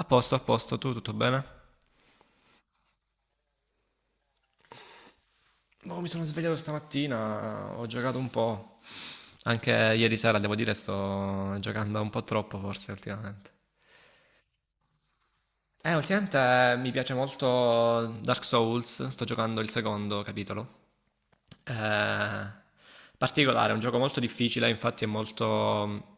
A posto, tu tutto bene? Boh, mi sono svegliato stamattina, ho giocato un po'. Anche ieri sera, devo dire, sto giocando un po' troppo forse ultimamente. Ultimamente mi piace molto Dark Souls, sto giocando il secondo capitolo. Eh, particolare, è un gioco molto difficile, infatti è molto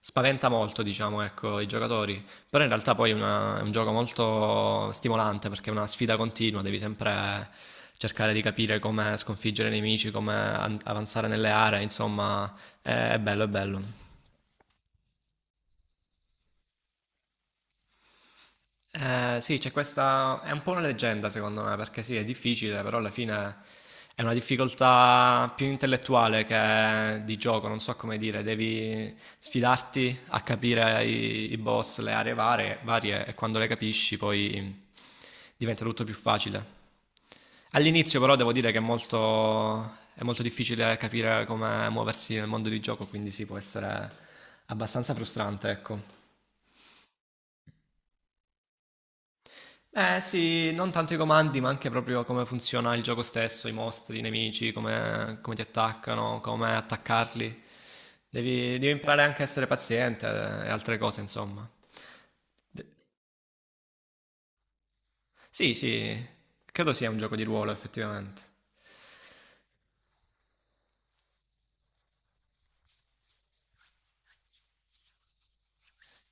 spaventa molto, diciamo, ecco, i giocatori, però in realtà poi è un gioco molto stimolante perché è una sfida continua, devi sempre cercare di capire come sconfiggere i nemici, come avanzare nelle aree, insomma, è bello, è bello. Sì, c'è questa è un po' una leggenda secondo me, perché sì, è difficile, però alla fine è una difficoltà più intellettuale che di gioco, non so come dire, devi sfidarti a capire i boss, le aree varie e quando le capisci poi diventa tutto più facile. All'inizio però devo dire che è è molto difficile capire come muoversi nel mondo di gioco, quindi sì, può essere abbastanza frustrante, ecco. Eh sì, non tanto i comandi, ma anche proprio come funziona il gioco stesso, i mostri, i nemici, come ti attaccano, come attaccarli. Devi imparare anche a essere paziente e altre cose, insomma. De- sì, sì, credo sia un gioco di ruolo, effettivamente.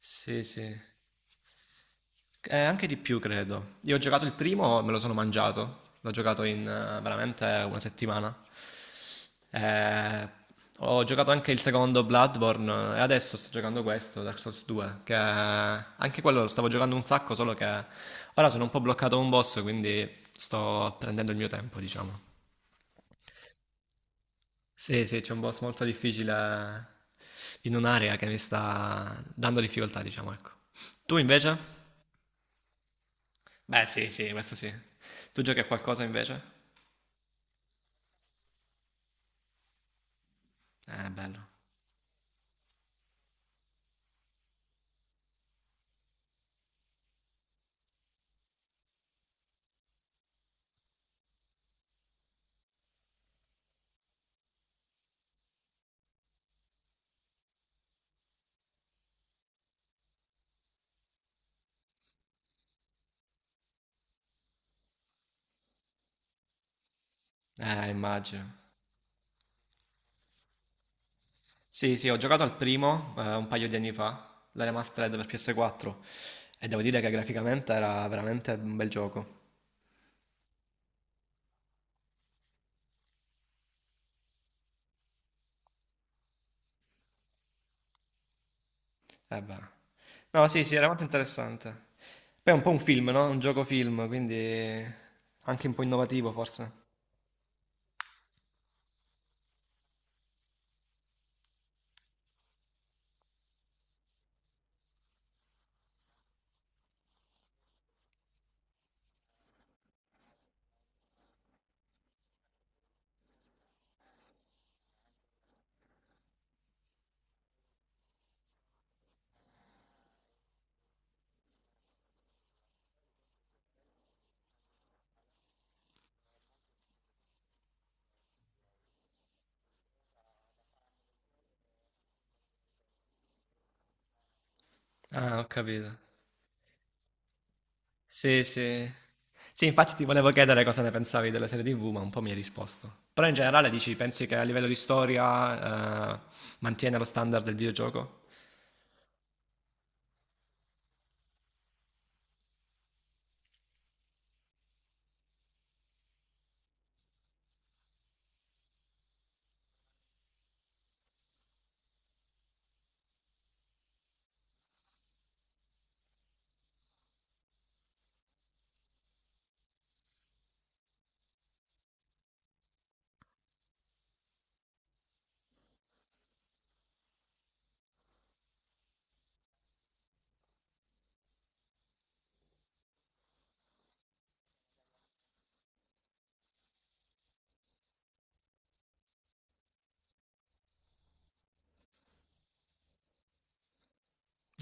Sì, sì. Anche di più, credo. Io ho giocato il primo, me lo sono mangiato. L'ho giocato in veramente una settimana. Eh, ho giocato anche il secondo Bloodborne e adesso sto giocando questo, Dark Souls 2, che anche quello lo stavo giocando un sacco, solo che ora sono un po' bloccato a un boss, quindi sto prendendo il mio tempo, diciamo. Sì, sì, c'è un boss molto difficile in un'area che mi sta dando difficoltà, diciamo, ecco. Tu invece? Beh, sì, sì, questo sì. Tu giochi a qualcosa invece? Bello. Immagino. Sì, sì, ho giocato al primo un paio di anni fa, la remastered per PS4, e devo dire che graficamente era veramente un bel gioco. Eh beh. No, sì, sì, era molto interessante. Poi è un po' un film, no? Un gioco film, quindi anche un po' innovativo forse. Ah, ho capito. Sì, sì. Sì, infatti ti volevo chiedere cosa ne pensavi della serie TV, ma un po' mi hai risposto. Però in generale dici, pensi che a livello di storia, mantiene lo standard del videogioco?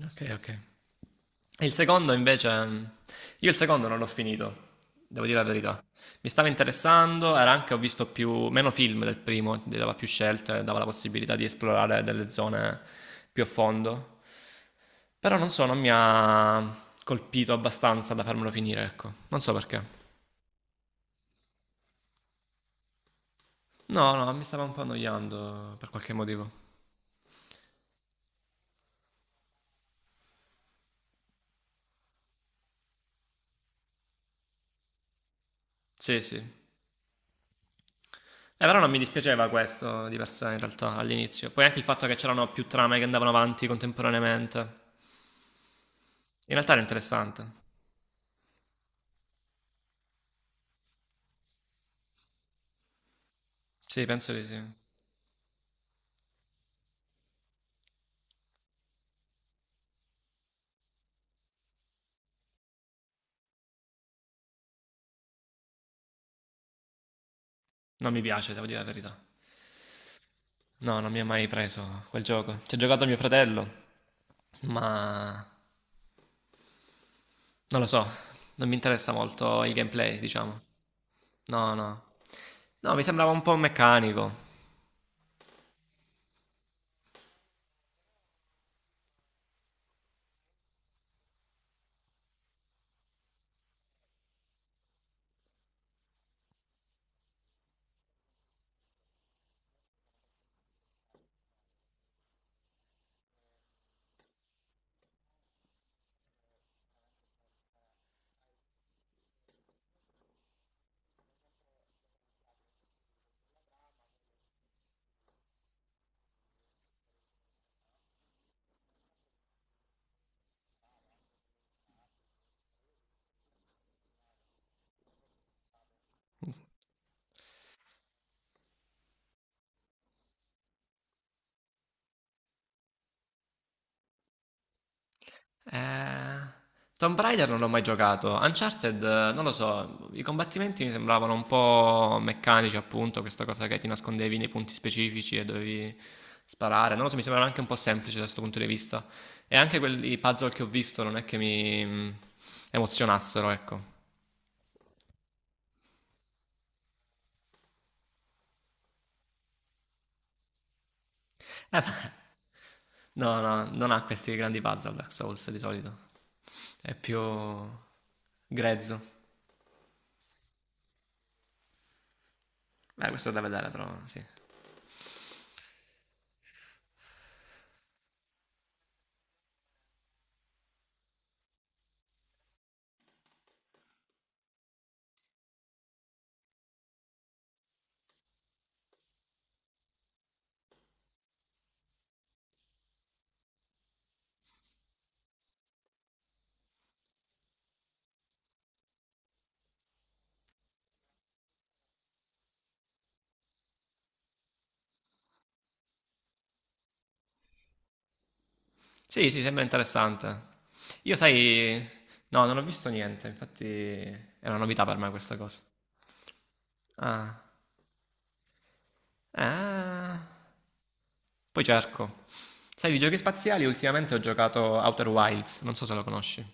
Ok, ok. E il secondo invece, mm, io il secondo non l'ho finito, devo dire la verità. Mi stava interessando, era anche, ho meno film del primo, ti dava più scelte, dava la possibilità di esplorare delle zone più a fondo. Però non so, non mi ha colpito abbastanza da farmelo finire, ecco. Non so perché. No, no, mi stava un po' annoiando per qualche motivo. Sì, sì. E però non mi dispiaceva questo di per sé in realtà all'inizio. Poi anche il fatto che c'erano più trame che andavano avanti contemporaneamente. In realtà era interessante. Sì, penso di sì. Non mi piace, devo dire la verità. No, non mi ha mai preso quel gioco. Ci ha giocato mio fratello, ma non lo so, non mi interessa molto il gameplay, diciamo. No, no. No, mi sembrava un po' meccanico. Eh, Tomb Raider non l'ho mai giocato. Uncharted, non lo so, i combattimenti mi sembravano un po' meccanici, appunto, questa cosa che ti nascondevi nei punti specifici e dovevi sparare. Non lo so, mi sembrava anche un po' semplice da questo punto di vista. E anche quelli puzzle che ho visto non è che mi emozionassero, ecco. Eh, ma- no, no, non ha questi grandi puzzle Dark Souls di solito. È più grezzo. Beh, questo è da vedere, però, sì. Sì, sì, sembra interessante. Io sai, no, non ho visto niente, infatti è una novità per me questa cosa. Ah, ah. Poi cerco. Sai, di giochi spaziali ultimamente ho giocato Outer Wilds, non so se lo conosci.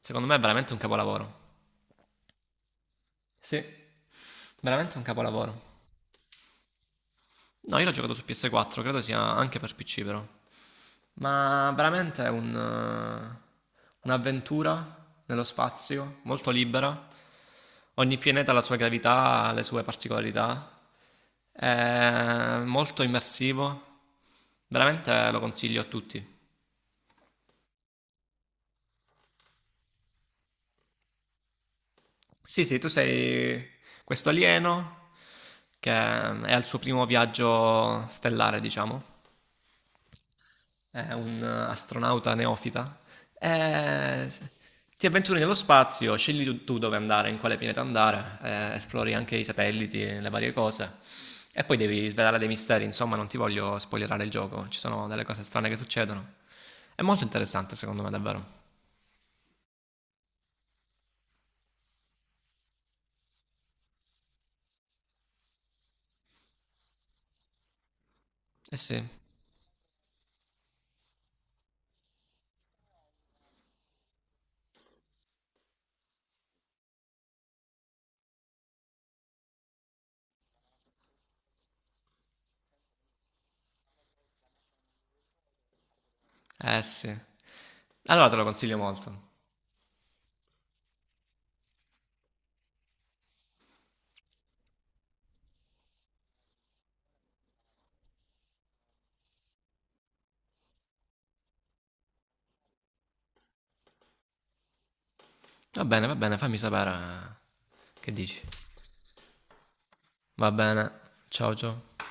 Secondo me è veramente un capolavoro. Sì, veramente un capolavoro. No, io l'ho giocato su PS4, credo sia anche per PC però. Ma veramente è un'avventura nello spazio, molto libera. Ogni pianeta ha la sua gravità, ha le sue particolarità. È molto immersivo. Veramente lo consiglio a tutti. Sì, sì, tu sei questo alieno che è al suo primo viaggio stellare, diciamo. È un astronauta neofita, eh, ti avventuri nello spazio, scegli tu, tu dove andare, in quale pianeta andare, esplori anche i satelliti, le varie cose. E poi devi svelare dei misteri, insomma, non ti voglio spoilerare il gioco, ci sono delle cose strane che succedono. È molto interessante, secondo me, davvero. Eh sì, eh sì. Allora te lo consiglio molto. Va bene, fammi sapere che dici. Va bene, ciao ciao.